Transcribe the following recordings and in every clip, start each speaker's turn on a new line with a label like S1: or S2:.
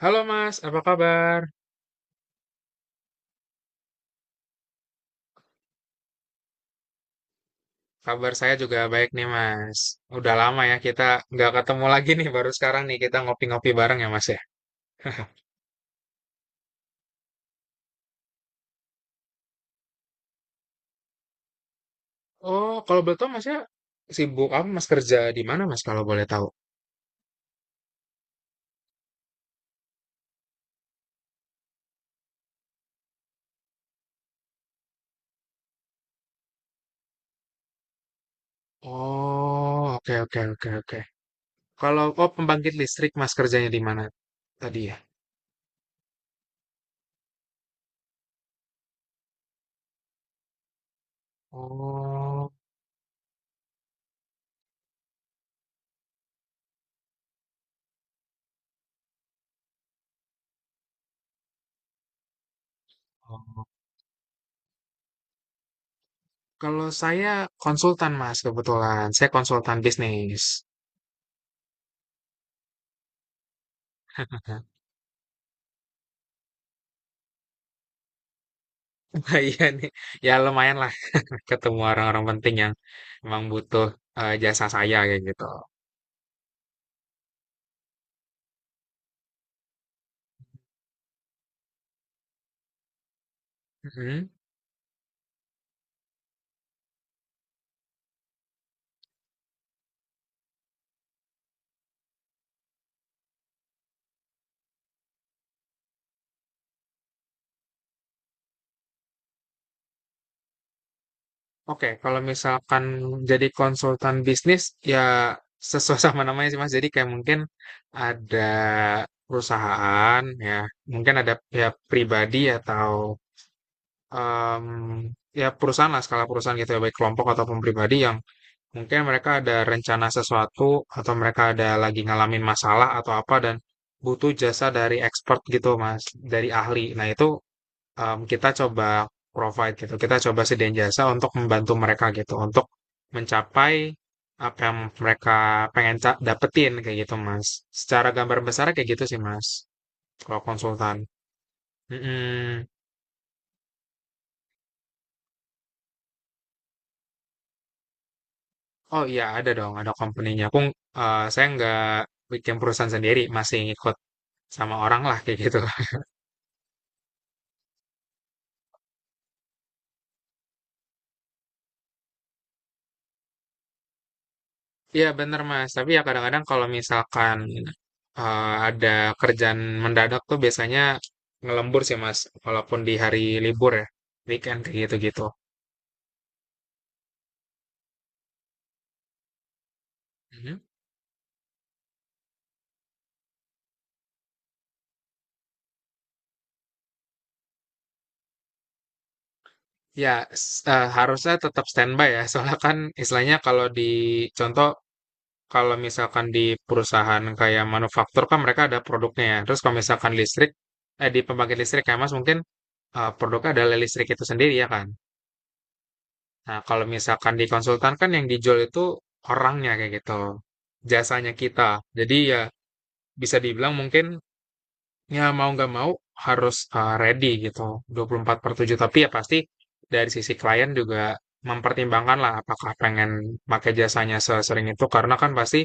S1: Halo Mas, apa kabar? Kabar saya juga baik nih Mas. Udah lama ya kita nggak ketemu lagi nih, baru sekarang nih kita ngopi-ngopi bareng ya Mas ya. Oh, kalau boleh tahu Mas ya sibuk apa Mas kerja di mana Mas kalau boleh tahu? Oh, oke oke oke oke. Kalau oh pembangkit listrik Mas kerjanya di mana tadi ya? Oh, oh. Kalau saya konsultan Mas kebetulan, saya konsultan bisnis. Iya nih, ya lumayan lah ketemu orang-orang penting yang memang butuh jasa saya kayak gitu. Mhm. Oke, kalau misalkan jadi konsultan bisnis ya sesuai sama namanya sih Mas. Jadi kayak mungkin ada perusahaan ya, mungkin ada pihak pribadi atau em, ya perusahaan lah skala perusahaan gitu ya baik kelompok ataupun pribadi yang mungkin mereka ada rencana sesuatu atau mereka ada lagi ngalamin masalah atau apa dan butuh jasa dari expert gitu Mas, dari ahli. Nah, itu kita coba provide gitu, kita coba sediain jasa untuk membantu mereka gitu, untuk mencapai apa yang mereka pengen dapetin kayak gitu Mas. Secara gambar besar kayak gitu sih Mas, kalau konsultan. Mm-mm. Oh iya ada dong, ada company-nya. Saya nggak bikin perusahaan sendiri, masih ngikut sama orang lah kayak gitu. Iya bener Mas, tapi ya kadang-kadang kalau misalkan ada kerjaan mendadak tuh biasanya ngelembur sih Mas, walaupun di hari libur ya, weekend kayak gitu-gitu. Mhm. Ya harusnya tetap standby ya, soalnya kan istilahnya kalau di contoh kalau misalkan di perusahaan kayak manufaktur kan mereka ada produknya ya, terus kalau misalkan listrik, di pembangkit listrik ya Mas mungkin produknya adalah listrik itu sendiri ya kan. Nah, kalau misalkan di konsultan kan yang dijual itu orangnya kayak gitu, jasanya kita. Jadi ya bisa dibilang mungkin ya mau nggak mau harus ready gitu 24 per 7. Tapi ya pasti dari sisi klien juga mempertimbangkan lah apakah pengen pakai jasanya sesering itu. Karena kan pasti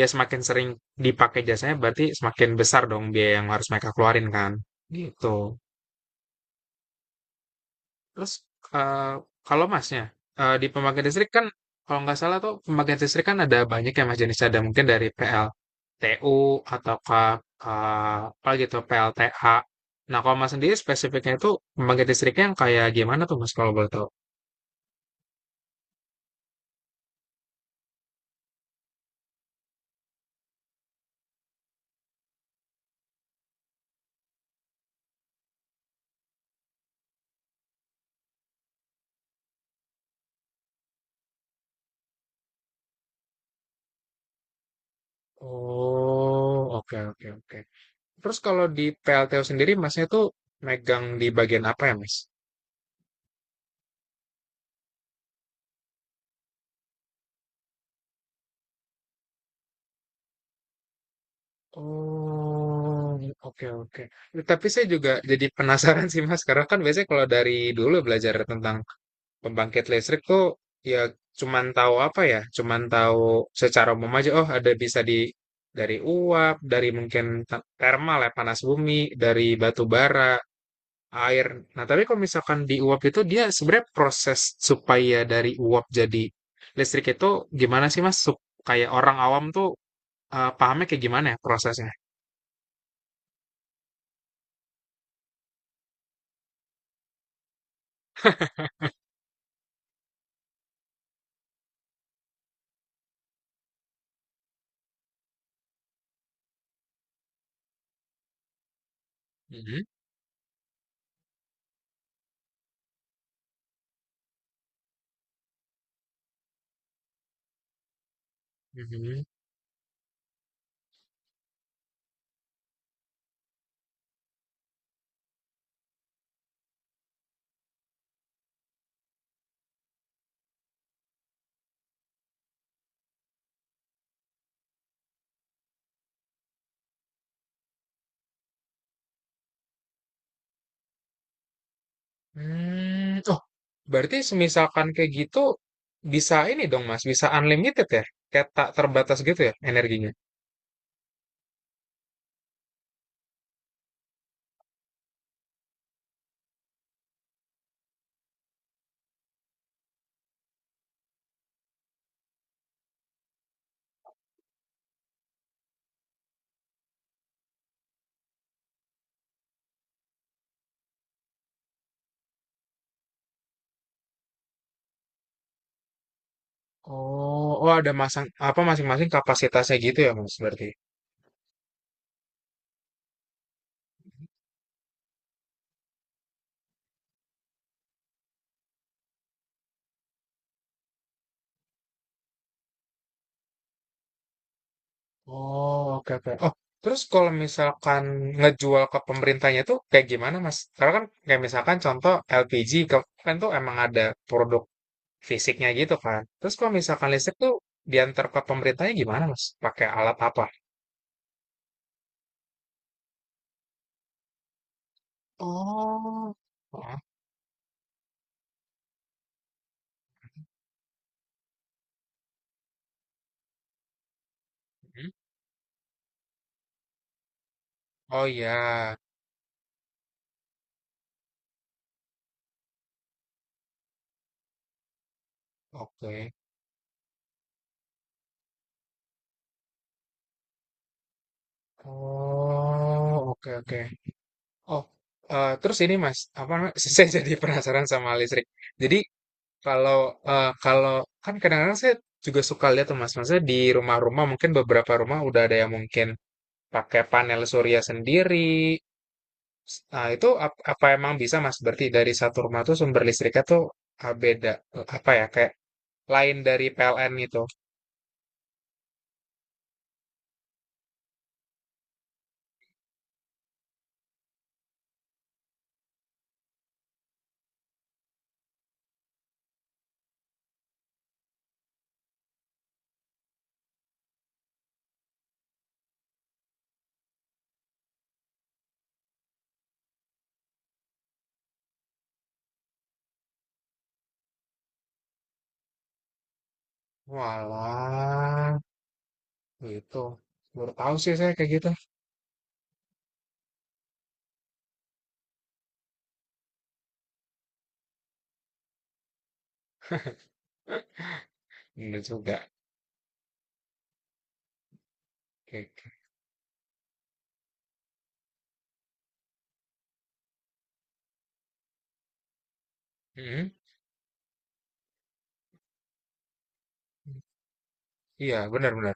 S1: ya semakin sering dipakai jasanya berarti semakin besar dong biaya yang harus mereka keluarin kan. Gitu. Terus, eee, kalau Masnya, di pembangkit listrik kan kalau nggak salah tuh pembangkit listrik kan ada banyak ya Mas jenisnya, ada mungkin dari PLTU ataukah, apa gitu, PLTA. Nah, kalau Mas sendiri spesifiknya itu pembangkit listriknya yang kayak gimana tuh Mas kalau boleh tahu? Oh, oke oke oke. Terus kalau di PLTU sendiri Masnya tuh megang di bagian apa ya Mas? Oh, iya, oke oke. Tapi saya juga jadi penasaran sih Mas, karena kan biasanya kalau dari dulu belajar tentang pembangkit listrik tuh ya cuman tahu apa ya, cuman tahu secara umum aja. Oh, ada bisa di dari uap, dari mungkin thermal ya panas bumi, dari batu bara, air. Nah, tapi kalau misalkan di uap itu dia sebenarnya proses supaya dari uap jadi listrik itu gimana sih Mas? Kayak orang awam tuh pahamnya kayak gimana ya prosesnya? Mhm. Oh, berarti semisalkan kayak gitu, bisa ini dong Mas, bisa unlimited ya? Kayak tak terbatas gitu ya energinya? Oh oh ada masing-masing kapasitasnya gitu ya Mas, berarti? Oh, oke oke. Oh, terus kalau misalkan ngejual ke pemerintahnya tuh kayak gimana Mas? Karena kan kayak misalkan contoh LPG ke kan tuh emang ada produk fisiknya gitu kan. Terus kalau misalkan listrik tuh diantar ke pemerintahnya gimana Mas? Pakai alat apa? Oh. Hmm? Oh ya, oke. Oh, oke oke. Oh, terus ini Mas, apa namanya? Saya jadi penasaran sama listrik. Jadi kalau kalau kan kadang-kadang saya juga suka lihat tuh Mas, maksudnya di rumah-rumah mungkin beberapa rumah udah ada yang mungkin pakai panel surya sendiri. Nah, itu apa emang bisa Mas? Berarti dari satu rumah tuh sumber listriknya tuh beda, eh, apa ya kayak lain dari PLN gitu. Walah. Gitu. Baru tahu sih saya kayak gitu. Bener juga. Kayak, hmm? Iya, benar-benar.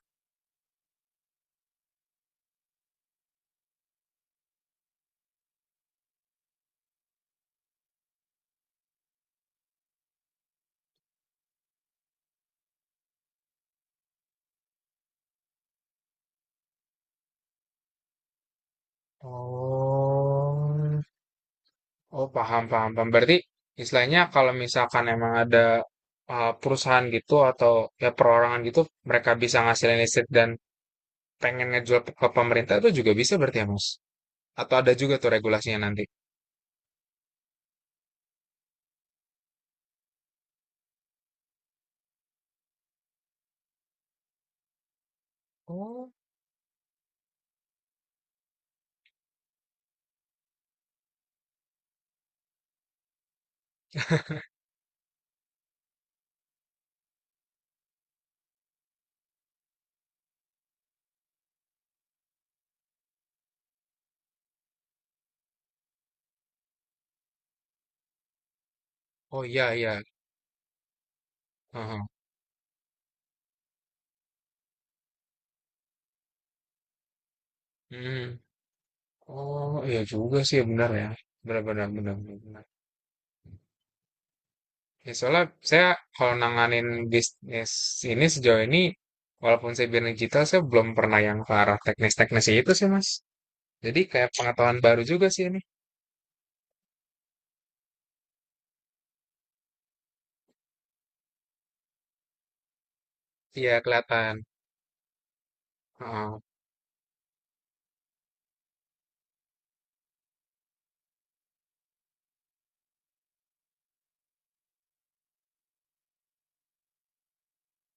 S1: Oh, oh paham, paham, paham. Berarti istilahnya kalau misalkan emang ada perusahaan gitu atau ya perorangan gitu, mereka bisa ngasilin listrik dan pengen ngejual ke pemerintah itu juga bisa berarti ya, Mas? Atau ada juga tuh regulasinya nanti? Oh, oh iya, iya. Heeh. Hmm. Oh, iya juga sih, benar ya. Benar, benar, benar, benar. Ya, soalnya saya kalau nanganin bisnis ini sejauh ini, walaupun saya bidang digital, saya belum pernah yang ke arah teknis-teknis itu sih, Mas. Jadi kayak pengetahuan baru juga sih ini. Iya, kelihatan. Heeh.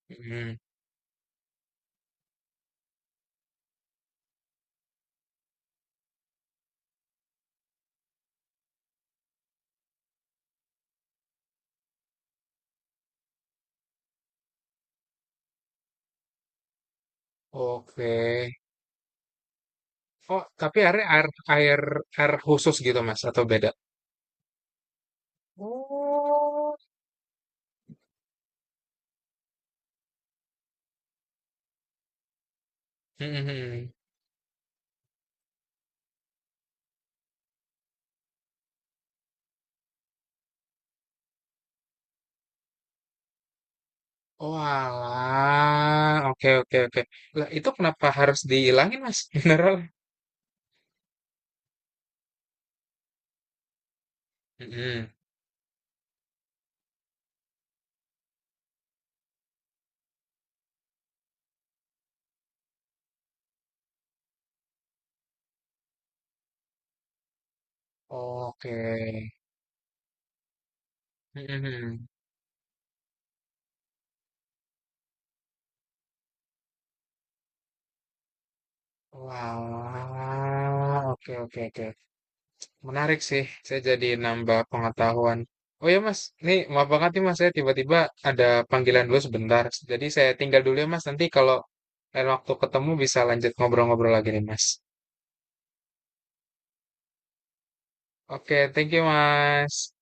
S1: Mm. Oke. Oh, tapi airnya air, air, air khusus gitu, Mas, atau beda? Oh. Mhm. Oh, alah. Oke, oke, oke. Lah, itu kenapa harus dihilangin, Mas? Mineral. Mhm. Oke. Mhm. Walah, oke oke oke. Menarik sih, saya jadi nambah pengetahuan. Oh ya Mas, nih maaf banget nih Mas, saya tiba-tiba ada panggilan dulu sebentar. Jadi saya tinggal dulu ya Mas, nanti kalau lain waktu ketemu bisa lanjut ngobrol-ngobrol lagi nih Mas. Oke, thank you Mas.